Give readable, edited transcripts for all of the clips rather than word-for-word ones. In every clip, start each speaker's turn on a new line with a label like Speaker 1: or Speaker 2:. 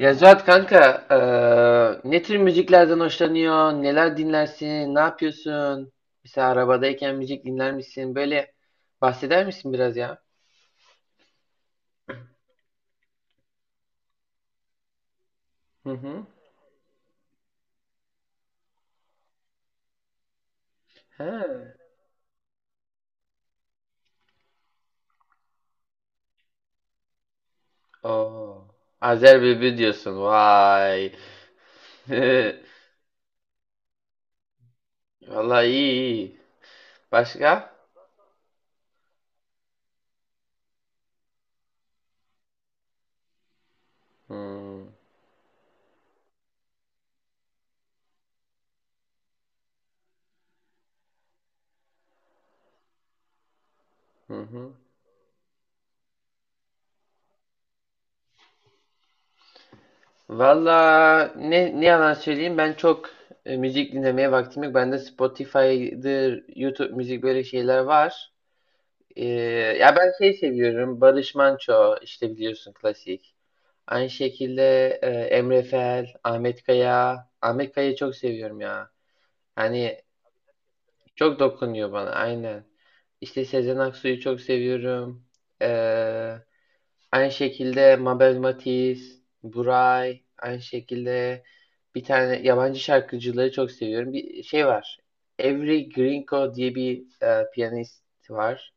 Speaker 1: Ya Zuhat kanka, ne tür müziklerden hoşlanıyor? Neler dinlersin? Ne yapıyorsun? Mesela arabadayken müzik dinler misin? Böyle bahseder misin biraz ya? Hı hı. He. Oo. Azer Bülbül diyorsun. Vay. Vallahi iyi, iyi. Başka? Hmm. Hı hı. Valla ne yalan söyleyeyim ben çok müzik dinlemeye vaktim yok. Bende Spotify'dır, YouTube müzik böyle şeyler var. Ee, ya ben şey seviyorum. Barış Manço işte biliyorsun klasik. Aynı şekilde Emre Fel, Ahmet Kaya. Ahmet Kaya'yı çok seviyorum ya. Hani çok dokunuyor bana aynen. İşte Sezen Aksu'yu çok seviyorum. Ee, aynı şekilde Mabel Matiz, Buray. Aynı şekilde bir tane yabancı şarkıcıları çok seviyorum. Bir şey var. Avery Grinko diye bir piyanist var.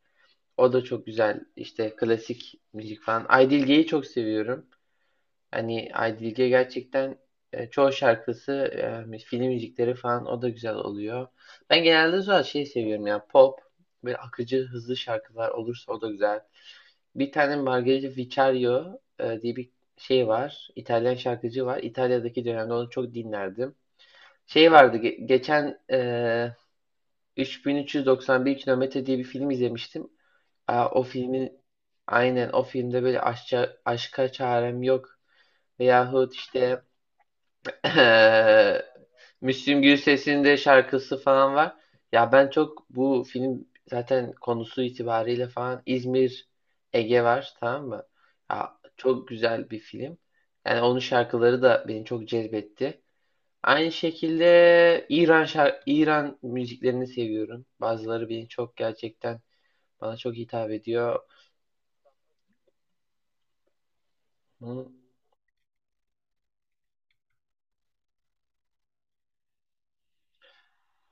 Speaker 1: O da çok güzel. İşte klasik müzik falan. Aydilge'yi çok seviyorum. Hani Aydilge gerçekten çoğu şarkısı film müzikleri falan o da güzel oluyor. Ben genelde zaten şey seviyorum ya pop böyle akıcı hızlı şarkılar olursa o da güzel. Bir tane Margherita Vicario diye bir şey var. İtalyan şarkıcı var. İtalya'daki dönemde onu çok dinlerdim. Şey vardı geçen 3391 kilometre diye bir film izlemiştim. Aa, o filmin aynen o filmde böyle aşka çarem yok veyahut işte Müslüm Gürses'in de şarkısı falan var. Ya ben çok bu film zaten konusu itibariyle falan İzmir Ege var tamam mı? Ya çok güzel bir film. Yani onun şarkıları da beni çok cezbetti. Aynı şekilde İran müziklerini seviyorum. Bazıları beni çok gerçekten bana çok hitap ediyor. Hı.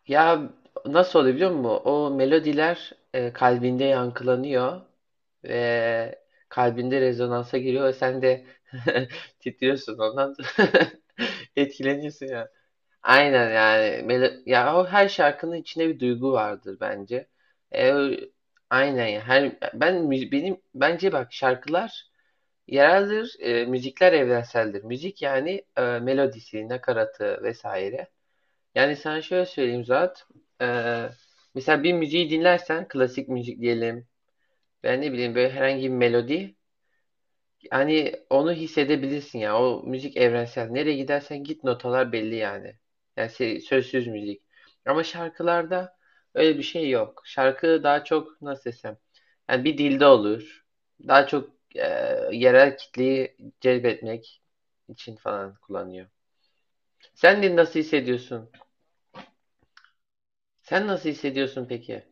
Speaker 1: Ya nasıl oluyor biliyor musun? O melodiler kalbinde yankılanıyor ve kalbinde rezonansa giriyor ve sen de titriyorsun ondan etkileniyorsun yani. Aynen yani ya o her şarkının içinde bir duygu vardır bence. E, o- aynen ya. Benim bence bak şarkılar yereldir, müzikler evrenseldir. Müzik yani melodisi, nakaratı vesaire. Yani sana şöyle söyleyeyim Zuhat. E, mesela bir müziği dinlersen klasik müzik diyelim. Ben ne bileyim böyle herhangi bir melodi yani onu hissedebilirsin ya. O müzik evrensel. Nereye gidersen git notalar belli yani. Yani sözsüz müzik. Ama şarkılarda öyle bir şey yok. Şarkı daha çok nasıl desem. Yani bir dilde olur. Daha çok e, yerel kitleyi celbetmek için falan kullanıyor. Sen de nasıl hissediyorsun? Sen nasıl hissediyorsun peki?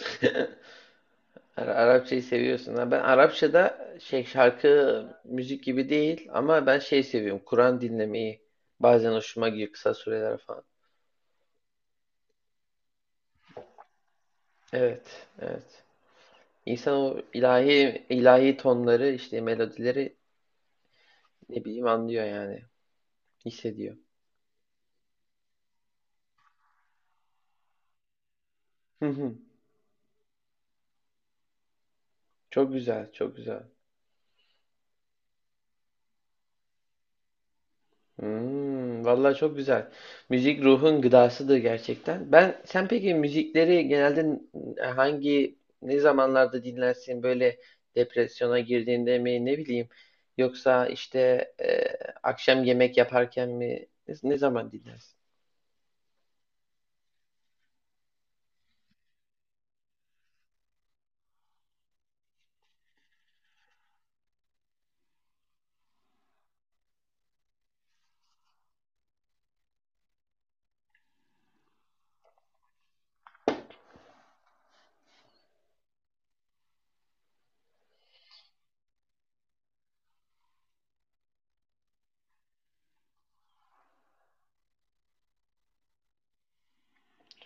Speaker 1: Arapçayı seviyorsun. Ha, ben Arapçada şey şarkı müzik gibi değil ama ben şey seviyorum. Kur'an dinlemeyi bazen hoşuma gidiyor kısa süreler falan. Evet, evet. İnsan o ilahi ilahi tonları işte melodileri ne bileyim anlıyor yani, hissediyor. Hı hı. Çok güzel, çok güzel. Hmm, vallahi çok güzel. Müzik ruhun gıdasıdır gerçekten. Ben sen peki müzikleri genelde hangi ne zamanlarda dinlersin? Böyle depresyona girdiğinde mi ne bileyim yoksa işte e, akşam yemek yaparken mi ne zaman dinlersin?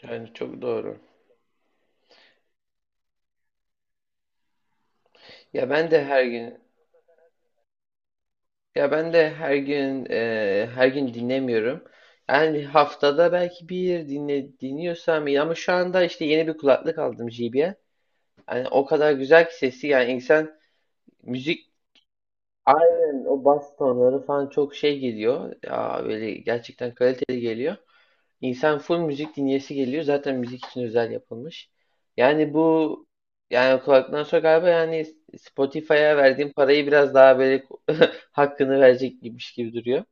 Speaker 1: Yani çok doğru. Ya ben de her gün ya ben de her gün dinlemiyorum. Yani haftada belki bir dinliyorsam iyi ama şu anda işte yeni bir kulaklık aldım JBL. Yani o kadar güzel ki sesi yani insan müzik aynen o bas tonları falan çok şey geliyor. Ya böyle gerçekten kaliteli geliyor. İnsan full müzik dinleyesi geliyor. Zaten müzik için özel yapılmış. Yani bu yani kulaktan sonra galiba yani Spotify'a verdiğim parayı biraz daha böyle hakkını verecek gibiymiş gibi duruyor.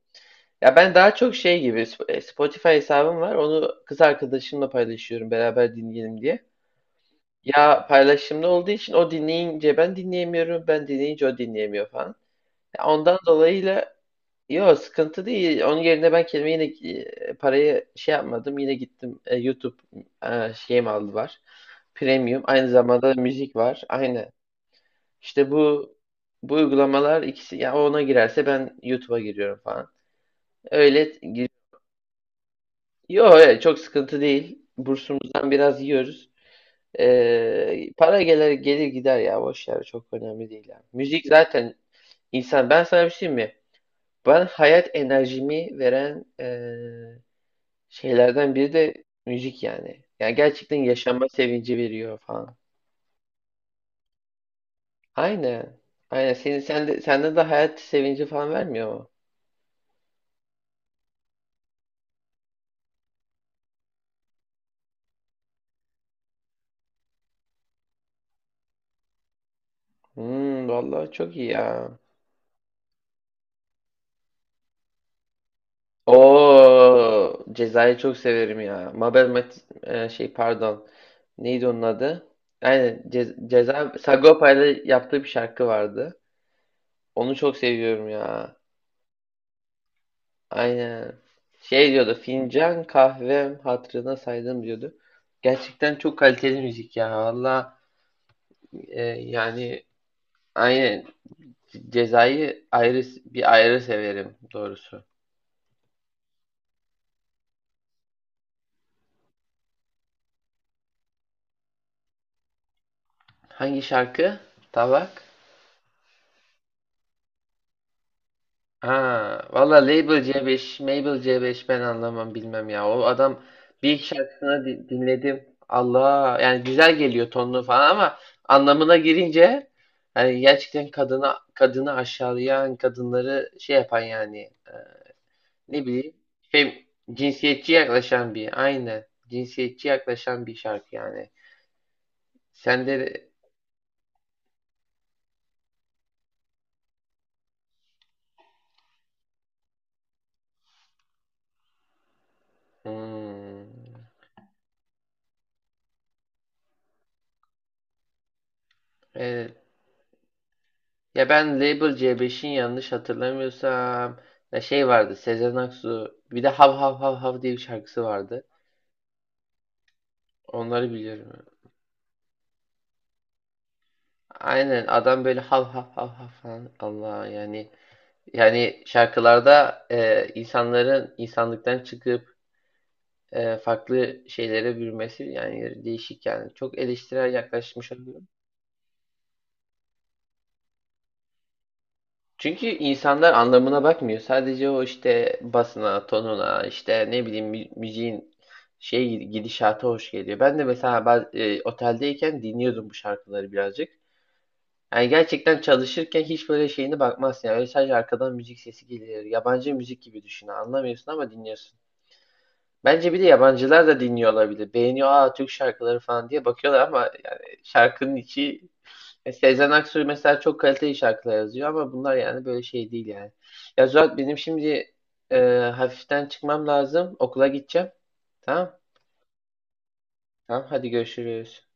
Speaker 1: Ya ben daha çok şey gibi Spotify hesabım var. Onu kız arkadaşımla paylaşıyorum beraber dinleyelim diye. Ya paylaşımlı olduğu için o dinleyince ben dinleyemiyorum, ben dinleyince o dinleyemiyor falan. Ya ondan dolayıyla yok, sıkıntı değil. Onun yerine ben kendime yine parayı şey yapmadım. Yine gittim YouTube şeyim aldı var. Premium. Aynı zamanda da müzik var. Aynı. İşte bu uygulamalar ikisi ya ona girerse ben YouTube'a giriyorum falan. Öyle gir- Yok, evet, çok sıkıntı değil. Bursumuzdan biraz yiyoruz. Para gelir gelir gider ya boş ver çok önemli değil ya. Müzik zaten insan ben sana bir şey diyeyim mi? Ben hayat enerjimi veren şeylerden biri de müzik yani. Yani gerçekten yaşama sevinci veriyor falan. Aynen. Aynen senin sende de hayat sevinci falan vermiyor mu? Hmm, vallahi çok iyi ya. O Ceza'yı çok severim ya. Mabel Mat e, şey pardon. Neydi onun adı? Yani Ceza Sagopa ile yaptığı bir şarkı vardı. Onu çok seviyorum ya. Aynen. Şey diyordu. Fincan kahvem hatırına saydım diyordu. Gerçekten çok kaliteli müzik ya. Valla yani aynen Ceza'yı ayrı bir ayrı severim doğrusu. Hangi şarkı? Tabak. Ha, valla Label C5, Mabel C5 ben anlamam bilmem ya. O adam bir iki şarkısını dinledim. Allah yani güzel geliyor tonlu falan ama anlamına girince yani gerçekten kadını aşağılayan, kadınları şey yapan yani e, ne bileyim fem, cinsiyetçi yaklaşan bir aynı cinsiyetçi yaklaşan bir şarkı yani. Sen de? Hmm, evet. Ya ben Label C5'in yanlış hatırlamıyorsam ya şey vardı Sezen Aksu bir de Hav Hav Hav Hav diye bir şarkısı vardı. Onları biliyorum. Aynen adam böyle hav hav hav hav falan Allah yani şarkılarda insanların insanlıktan çıkıp farklı şeylere bürümesi yani değişik yani çok eleştirel yaklaşmış. Çünkü insanlar anlamına bakmıyor. Sadece o işte basına, tonuna, işte ne bileyim müziğin şey gidişata hoş geliyor. Ben de mesela oteldeyken dinliyordum bu şarkıları birazcık. Yani gerçekten çalışırken hiç böyle şeyine bakmazsın. Yani öyle sadece arkadan müzik sesi geliyor. Yabancı müzik gibi düşün. Anlamıyorsun ama dinliyorsun. Bence bir de yabancılar da dinliyor olabilir. Beğeniyor aa Türk şarkıları falan diye bakıyorlar ama yani şarkının içi. Sezen Aksu mesela çok kaliteli şarkılar yazıyor ama bunlar yani böyle şey değil yani. Ya Zuhat benim şimdi e, hafiften çıkmam lazım. Okula gideceğim. Tamam. Tamam, hadi görüşürüz.